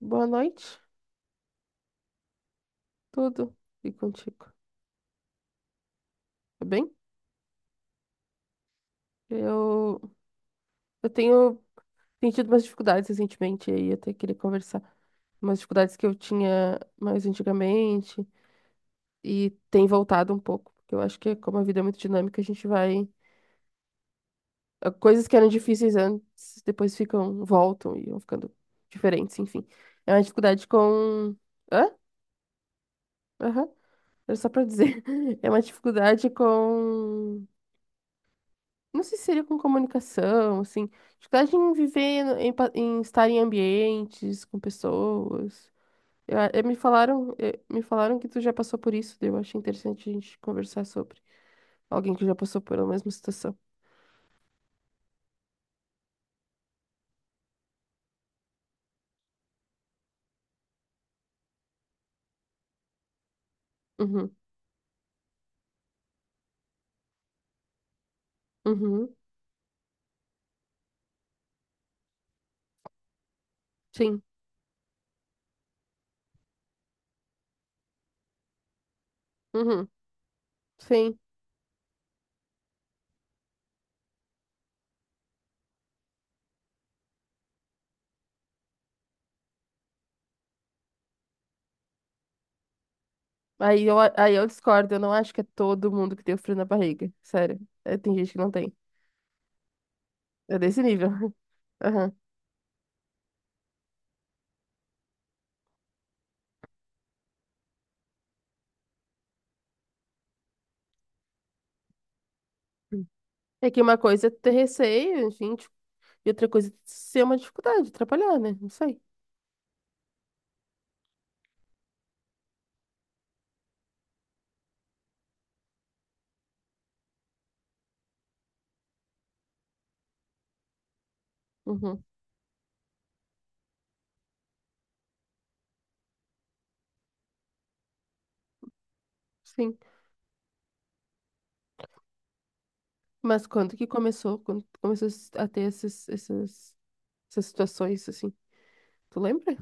Boa noite, tudo e contigo, tá bem? Eu, eu tenho sentido umas dificuldades recentemente, e aí eu até queria conversar. Umas dificuldades que eu tinha mais antigamente e tem voltado um pouco, porque eu acho que é como a vida é muito dinâmica, a gente vai... Coisas que eram difíceis antes, depois ficam, voltam e vão ficando diferentes, enfim. É uma dificuldade com... Hã? Aham. Era só pra dizer. É uma dificuldade com... Não sei se seria com comunicação, assim. Dificuldade em viver, em estar em ambientes, com pessoas. Me falaram que tu já passou por isso, daí eu achei interessante a gente conversar sobre alguém que já passou pela mesma situação. Uhum, uhum, sim, uhum, sim. Aí eu discordo, eu não acho que é todo mundo que tem o frio na barriga, sério. Tem gente que não tem. É desse nível. Aham. É que uma coisa é ter receio, gente, e outra coisa é ser uma dificuldade, atrapalhar, né? Não sei. Uhum, sim. Mas quando que começou? Quando tu começou a ter esses, essas situações, assim? Tu lembra?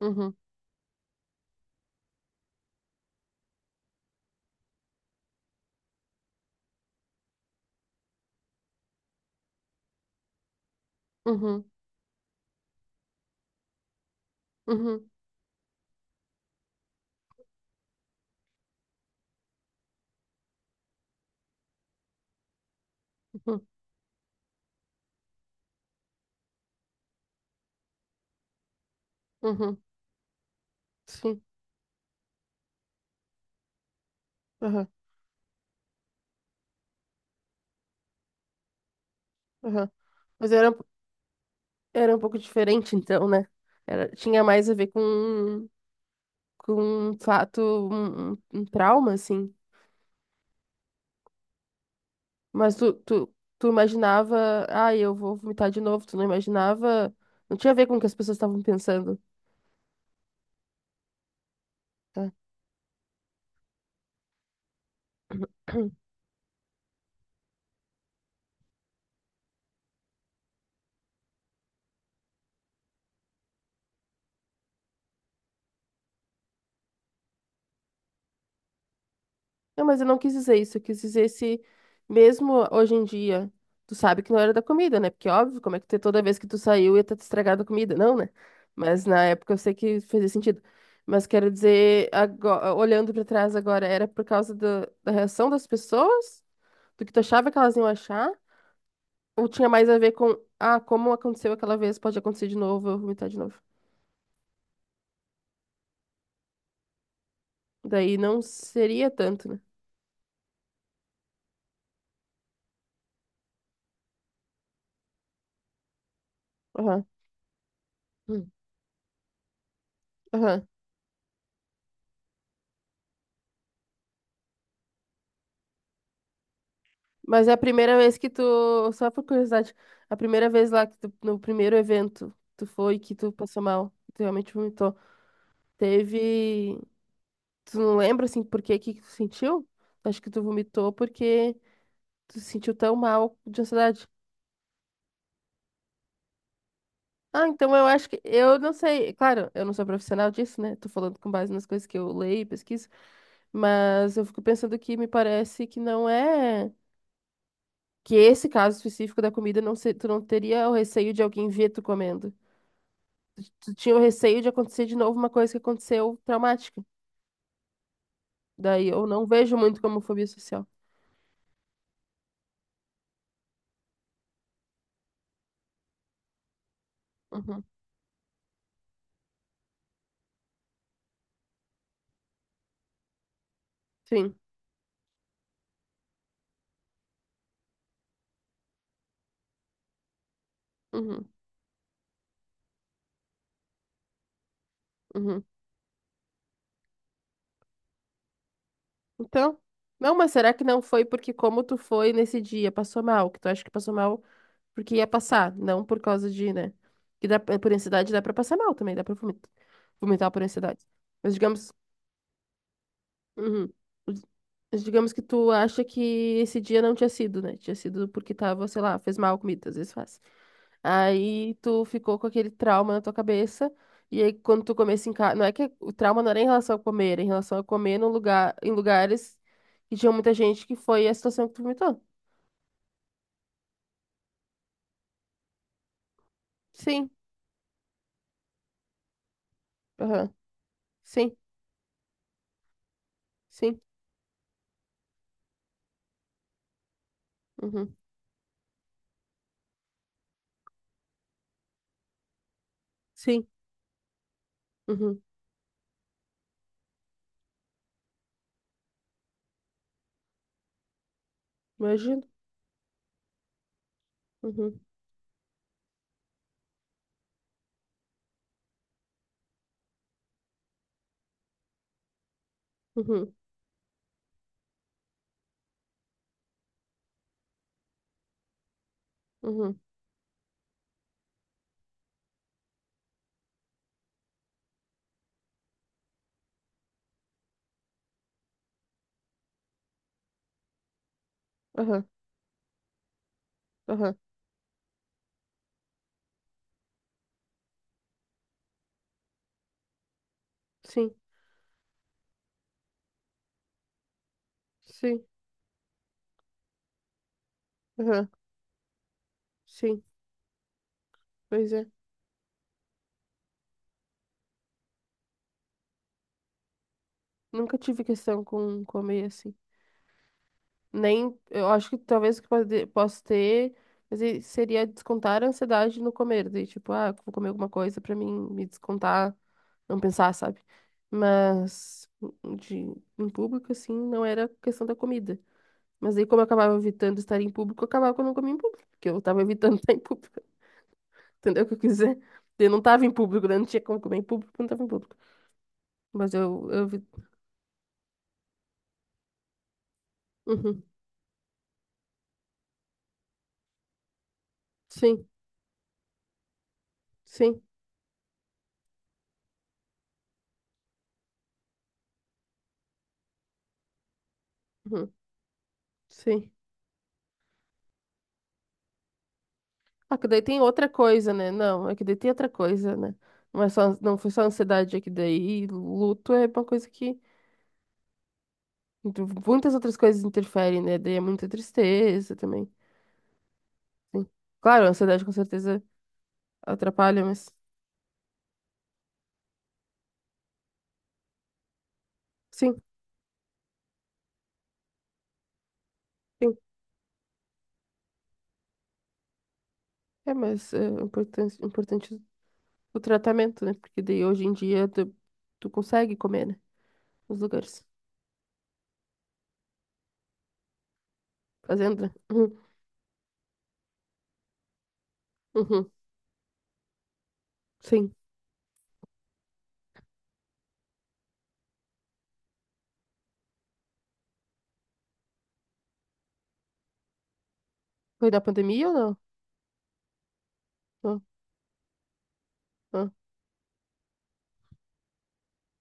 Uhum, uhum, uhum, uhum, uhum, sim. Aham, aham. Mas era um pouco diferente, então, né? Era, tinha mais a ver com um fato, um trauma, assim. Mas tu imaginava, eu vou vomitar de novo. Tu não imaginava. Não tinha a ver com o que as pessoas estavam pensando. Tá. Não, mas eu não quis dizer isso. Eu quis dizer se, mesmo hoje em dia, tu sabe que não era da comida, né? Porque, óbvio, como é que toda vez que tu saiu ia estar estragado a comida? Não, né? Mas na época eu sei que fazia sentido. Mas quero dizer, agora, olhando pra trás agora, era por causa da reação das pessoas? Do que tu achava que elas iam achar? Ou tinha mais a ver com, como aconteceu aquela vez, pode acontecer de novo, eu vou vomitar de novo. Daí não seria tanto, né? Aham. Hum. Aham. Mas é a primeira vez que tu, só por curiosidade, a primeira vez lá que tu, no primeiro evento tu foi que tu passou mal, que tu realmente vomitou. Teve, tu não lembra assim por que que tu sentiu? Acho que tu vomitou porque tu se sentiu tão mal de ansiedade. Ah, então eu acho que eu não sei, claro, eu não sou profissional disso, né? Tô falando com base nas coisas que eu leio e pesquiso, mas eu fico pensando que me parece que não é que esse caso específico da comida não se, tu não teria o receio de alguém ver tu comendo. Tu tinha o receio de acontecer de novo uma coisa que aconteceu traumática. Daí eu não vejo muito como fobia social. Uhum. Sim. Uhum. Uhum. Então, não, mas será que não foi porque como tu foi nesse dia, passou mal, que tu acha que passou mal porque ia passar, não por causa de, né? Que dá, por ansiedade dá pra passar mal também, dá pra vomitar por ansiedade. Mas digamos. Uhum. Mas digamos que tu acha que esse dia não tinha sido, né? Tinha sido porque tava, sei lá, fez mal a comida, às vezes faz. Aí tu ficou com aquele trauma na tua cabeça. E aí quando tu comesse em casa, não é que o trauma não era em relação a comer, era em relação a comer num lugar, em lugares que tinha muita gente que foi a situação que tu vomitou. Sim. Aham. Sim. Sim. Uhum. Sim. Uhum. Imagino. Uhum. Uhum. Uhum. Aham. Aham. Sim. Sim. Aham. Sim. Pois é. Nunca tive questão com comer assim. Nem, eu acho que talvez o que posso ter, mas aí seria descontar a ansiedade no comer. Daí, tipo, vou comer alguma coisa pra mim me descontar, não pensar, sabe? Mas em público, assim, não era questão da comida. Mas aí, como eu acabava evitando estar em público, eu acabava que eu não comia em público, porque eu tava evitando estar em público. Entendeu o que eu quis dizer? Eu não tava em público, né? Não tinha como comer em público, porque eu não tava em público. Mas eu vi. Uhum. Sim, sim. Uhum. Sim. Ah, que daí tem outra coisa, né? Não, é que daí tem outra coisa, né? Não foi só ansiedade, é que daí luto é uma coisa que muitas outras coisas interferem, né? Daí é muita tristeza também. Sim. Claro, a ansiedade com certeza atrapalha, mas sim, sim. É, mas é importante, importante o tratamento, né? Porque daí hoje em dia tu consegue comer, né? Nos lugares. Fazenda. Uhum, uhum, sim. Foi da pandemia ou não? Não, não.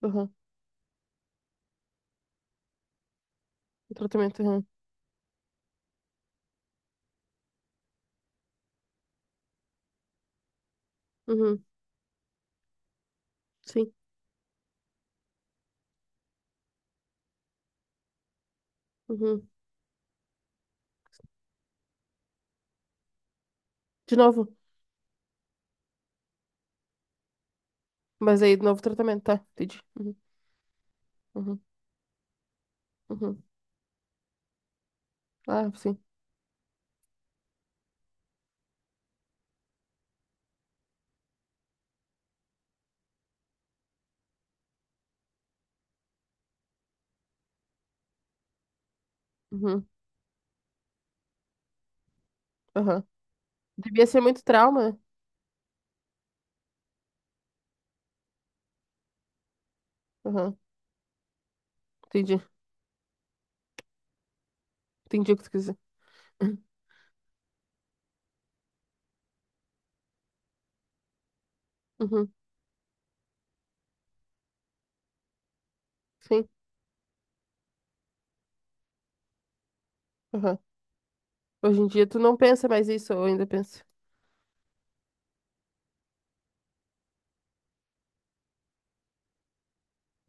Uhum. O tratamento, uhum. Uhum, sim. Uhum. De novo. Mas aí, de novo tratamento, tá? Entendi. Uhum, uhum, uhum. Ah, sim. Uhum, aham. Devia ser muito trauma, né? Aham, entendi. Entendi o que tu quis dizer. Uhum, uhum, sim. Aham. Hoje em dia tu não pensa mais isso, ou ainda pensa?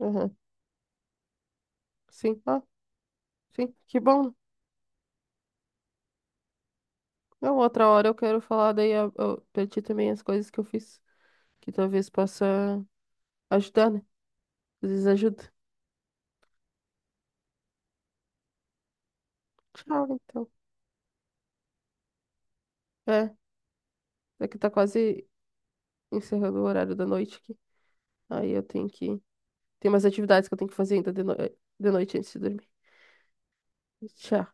Aham, sim. Ah, sim. Que bom. Não, outra hora eu quero falar daí pra ti também as coisas que eu fiz. Que talvez possa ajudar, né? Às vezes ajuda. Tchau, então. É, é que tá quase encerrando o horário da noite aqui. Aí eu tenho que tem umas atividades que eu tenho que fazer ainda de, no- eh, de noite antes de dormir. Tchau.